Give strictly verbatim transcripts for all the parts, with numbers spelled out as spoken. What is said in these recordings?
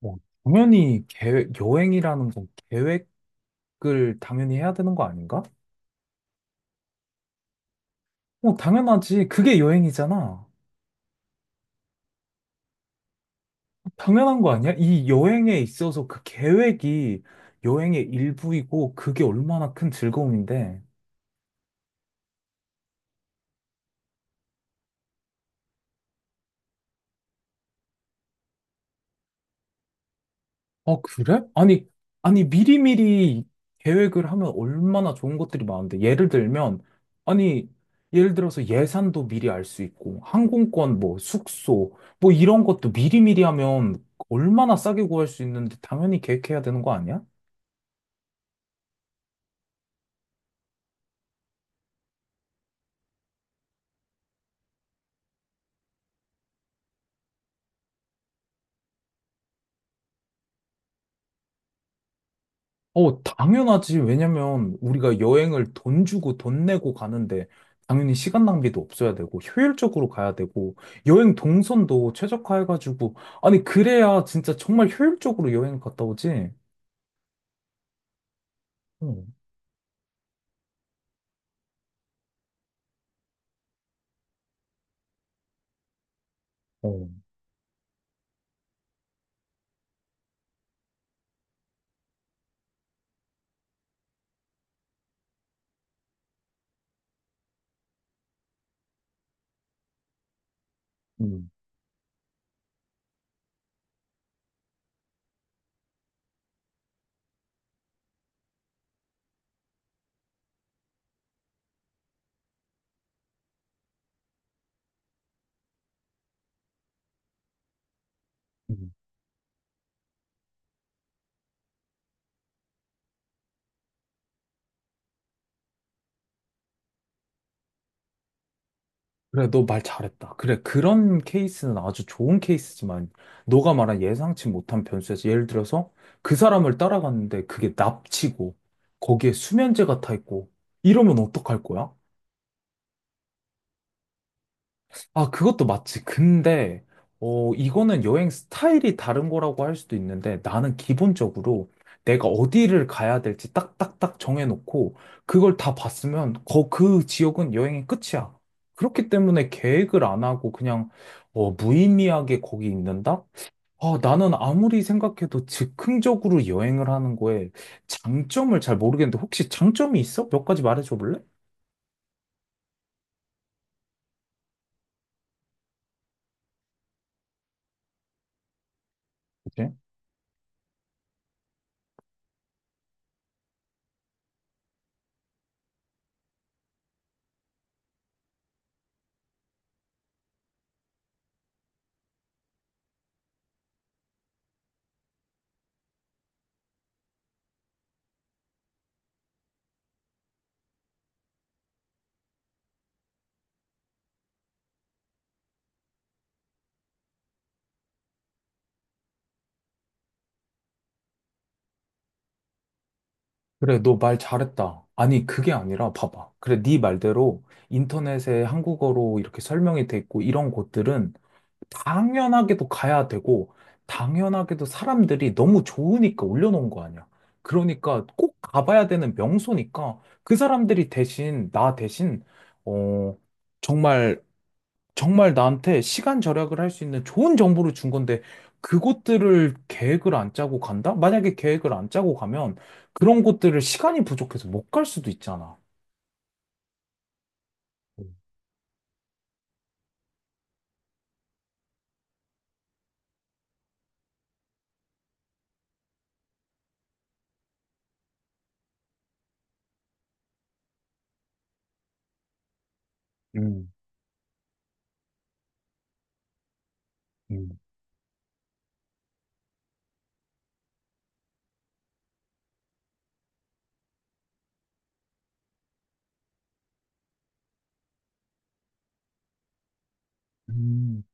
뭐, 당연히 계획, 여행이라는 건 계획을 당연히 해야 되는 거 아닌가? 뭐, 당연하지. 그게 여행이잖아. 당연한 거 아니야? 이 여행에 있어서 그 계획이 여행의 일부이고 그게 얼마나 큰 즐거움인데. 아, 그래? 아니, 아니, 미리미리 계획을 하면 얼마나 좋은 것들이 많은데. 예를 들면, 아니, 예를 들어서 예산도 미리 알 수 있고, 항공권, 뭐, 숙소, 뭐, 이런 것도 미리미리 하면 얼마나 싸게 구할 수 있는데, 당연히 계획해야 되는 거 아니야? 어, 당연하지. 왜냐면 우리가 여행을 돈 주고 돈 내고 가는데 당연히 시간 낭비도 없어야 되고 효율적으로 가야 되고 여행 동선도 최적화해가지고 아니 그래야 진짜 정말 효율적으로 여행 갔다 오지. 어. 음. 음. 음. 그래, 너 말 잘했다. 그래, 그런 케이스는 아주 좋은 케이스지만, 너가 말한 예상치 못한 변수에서 예를 들어서 그 사람을 따라갔는데 그게 납치고, 거기에 수면제가 타 있고, 이러면 어떡할 거야? 아, 그것도 맞지. 근데, 어, 이거는 여행 스타일이 다른 거라고 할 수도 있는데, 나는 기본적으로 내가 어디를 가야 될지 딱딱딱 정해놓고, 그걸 다 봤으면, 거, 그 지역은 여행의 끝이야. 그렇기 때문에 계획을 안 하고 그냥, 어, 무의미하게 거기 있는다? 아, 나는 아무리 생각해도 즉흥적으로 여행을 하는 거에 장점을 잘 모르겠는데, 혹시 장점이 있어? 몇 가지 말해줘 볼래? 그래, 너 말 잘했다. 아니, 그게 아니라, 봐봐. 그래, 네 말대로 인터넷에 한국어로 이렇게 설명이 돼 있고, 이런 곳들은 당연하게도 가야 되고, 당연하게도 사람들이 너무 좋으니까 올려놓은 거 아니야. 그러니까 꼭 가봐야 되는 명소니까, 그 사람들이 대신, 나 대신, 어, 정말 정말 나한테 시간 절약을 할 수 있는 좋은 정보를 준 건데, 그곳들을 계획을 안 짜고 간다? 만약에 계획을 안 짜고 가면 그런 곳들을 시간이 부족해서 못 갈 수도 있잖아. 음. 음. 음.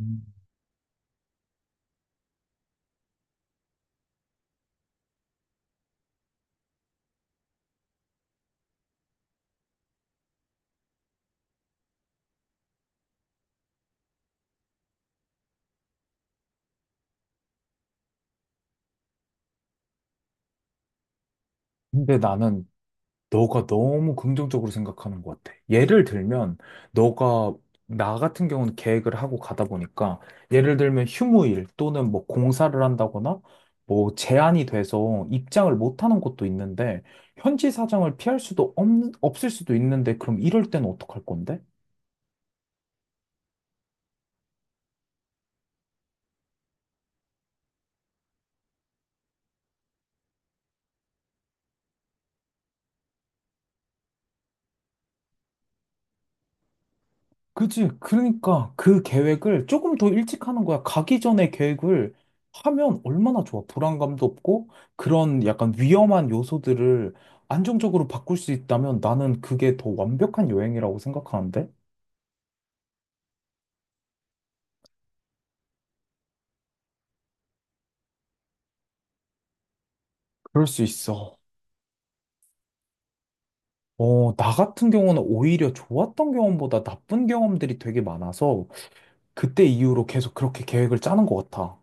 음. 근데 나는 너가 너무 긍정적으로 생각하는 것 같아. 예를 들면, 너가, 나 같은 경우는 계획을 하고 가다 보니까, 예를 들면 휴무일 또는 뭐 공사를 한다거나, 뭐 제한이 돼서 입장을 못 하는 곳도 있는데, 현지 사정을 피할 수도 없, 없을 수도 있는데, 그럼 이럴 땐 어떡할 건데? 그치. 그러니까 그 계획을 조금 더 일찍 하는 거야. 가기 전에 계획을 하면 얼마나 좋아. 불안감도 없고 그런 약간 위험한 요소들을 안정적으로 바꿀 수 있다면 나는 그게 더 완벽한 여행이라고 생각하는데? 그럴 수 있어. 어, 나 같은 경우는 오히려 좋았던 경험보다 나쁜 경험들이 되게 많아서 그때 이후로 계속 그렇게 계획을 짜는 것 같아.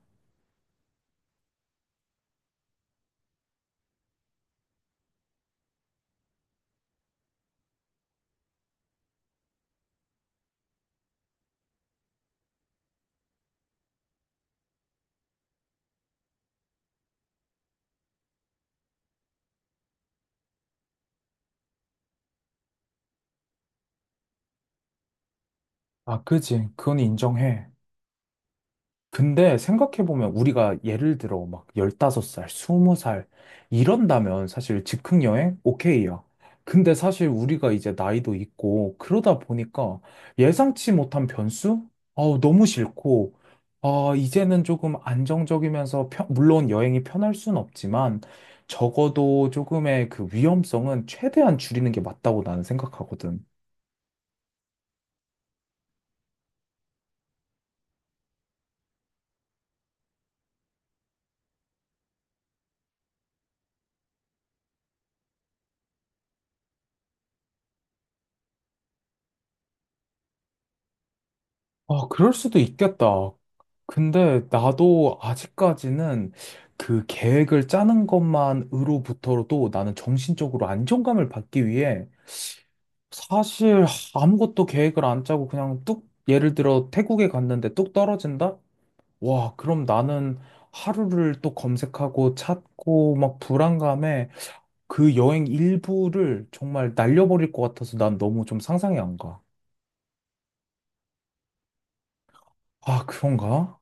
아, 그지. 그건 인정해. 근데 생각해보면 우리가 예를 들어 막 열다섯 살, 스무 살 이런다면 사실 즉흥여행 오케이야. 근데 사실 우리가 이제 나이도 있고 그러다 보니까 예상치 못한 변수? 아우, 너무 싫고, 아, 이제는 조금 안정적이면서 편- 물론 여행이 편할 순 없지만 적어도 조금의 그 위험성은 최대한 줄이는 게 맞다고 나는 생각하거든. 아, 그럴 수도 있겠다. 근데 나도 아직까지는 그 계획을 짜는 것만으로부터도 나는 정신적으로 안정감을 받기 위해 사실 아무것도 계획을 안 짜고 그냥 뚝, 예를 들어 태국에 갔는데 뚝 떨어진다? 와, 그럼 나는 하루를 또 검색하고 찾고 막 불안감에 그 여행 일부를 정말 날려버릴 것 같아서 난 너무 좀 상상이 안 가. 아, 그런가?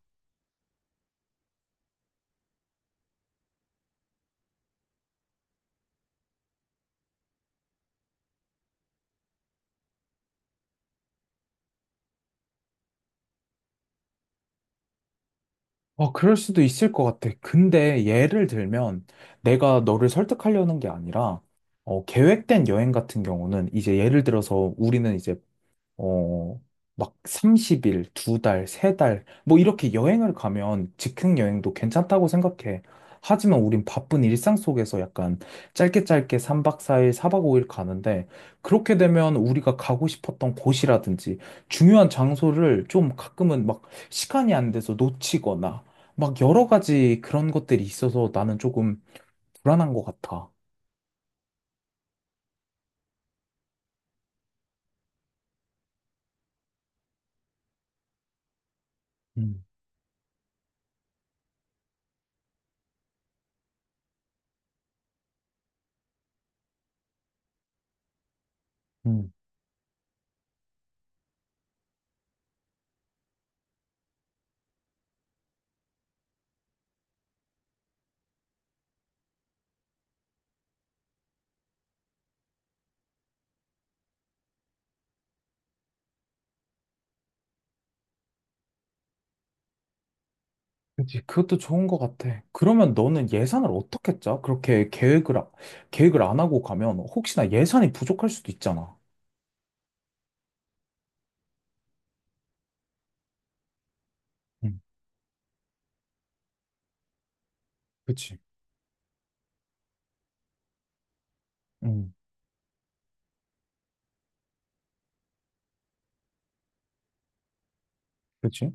아, 그럴 수도 있을 것 같아. 근데 예를 들면 내가 너를 설득하려는 게 아니라 어, 계획된 여행 같은 경우는 이제 예를 들어서 우리는 이제 어, 막 삼십 일, 두 달, 세 달, 뭐 이렇게 여행을 가면 즉흥 여행도 괜찮다고 생각해. 하지만 우린 바쁜 일상 속에서 약간 짧게 짧게 삼 박 사 일, 사 박 오 일 가는데 그렇게 되면 우리가 가고 싶었던 곳이라든지 중요한 장소를 좀 가끔은 막 시간이 안 돼서 놓치거나 막 여러 가지 그런 것들이 있어서 나는 조금 불안한 것 같아. 음. 음. 그치, 그것도 좋은 것 같아. 그러면 너는 예산을 어떻게 짜? 그렇게 계획을, 아- 계획을 안 하고 가면 혹시나 예산이 부족할 수도 있잖아. 응. 그치. 응. 그치?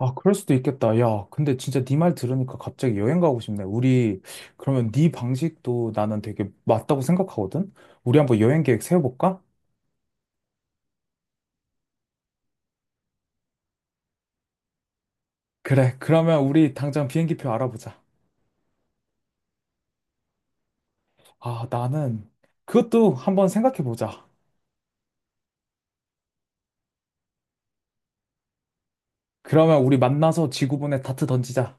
아, 그럴 수도 있겠다. 야, 근데 진짜 네 말 들으니까 갑자기 여행 가고 싶네. 우리, 그러면 네 방식도 나는 되게 맞다고 생각하거든? 우리 한번 여행 계획 세워볼까? 그래, 그러면 우리 당장 비행기표 알아보자. 아, 나는 그것도 한번 생각해보자. 그러면 우리 만나서 지구본에 다트 던지자.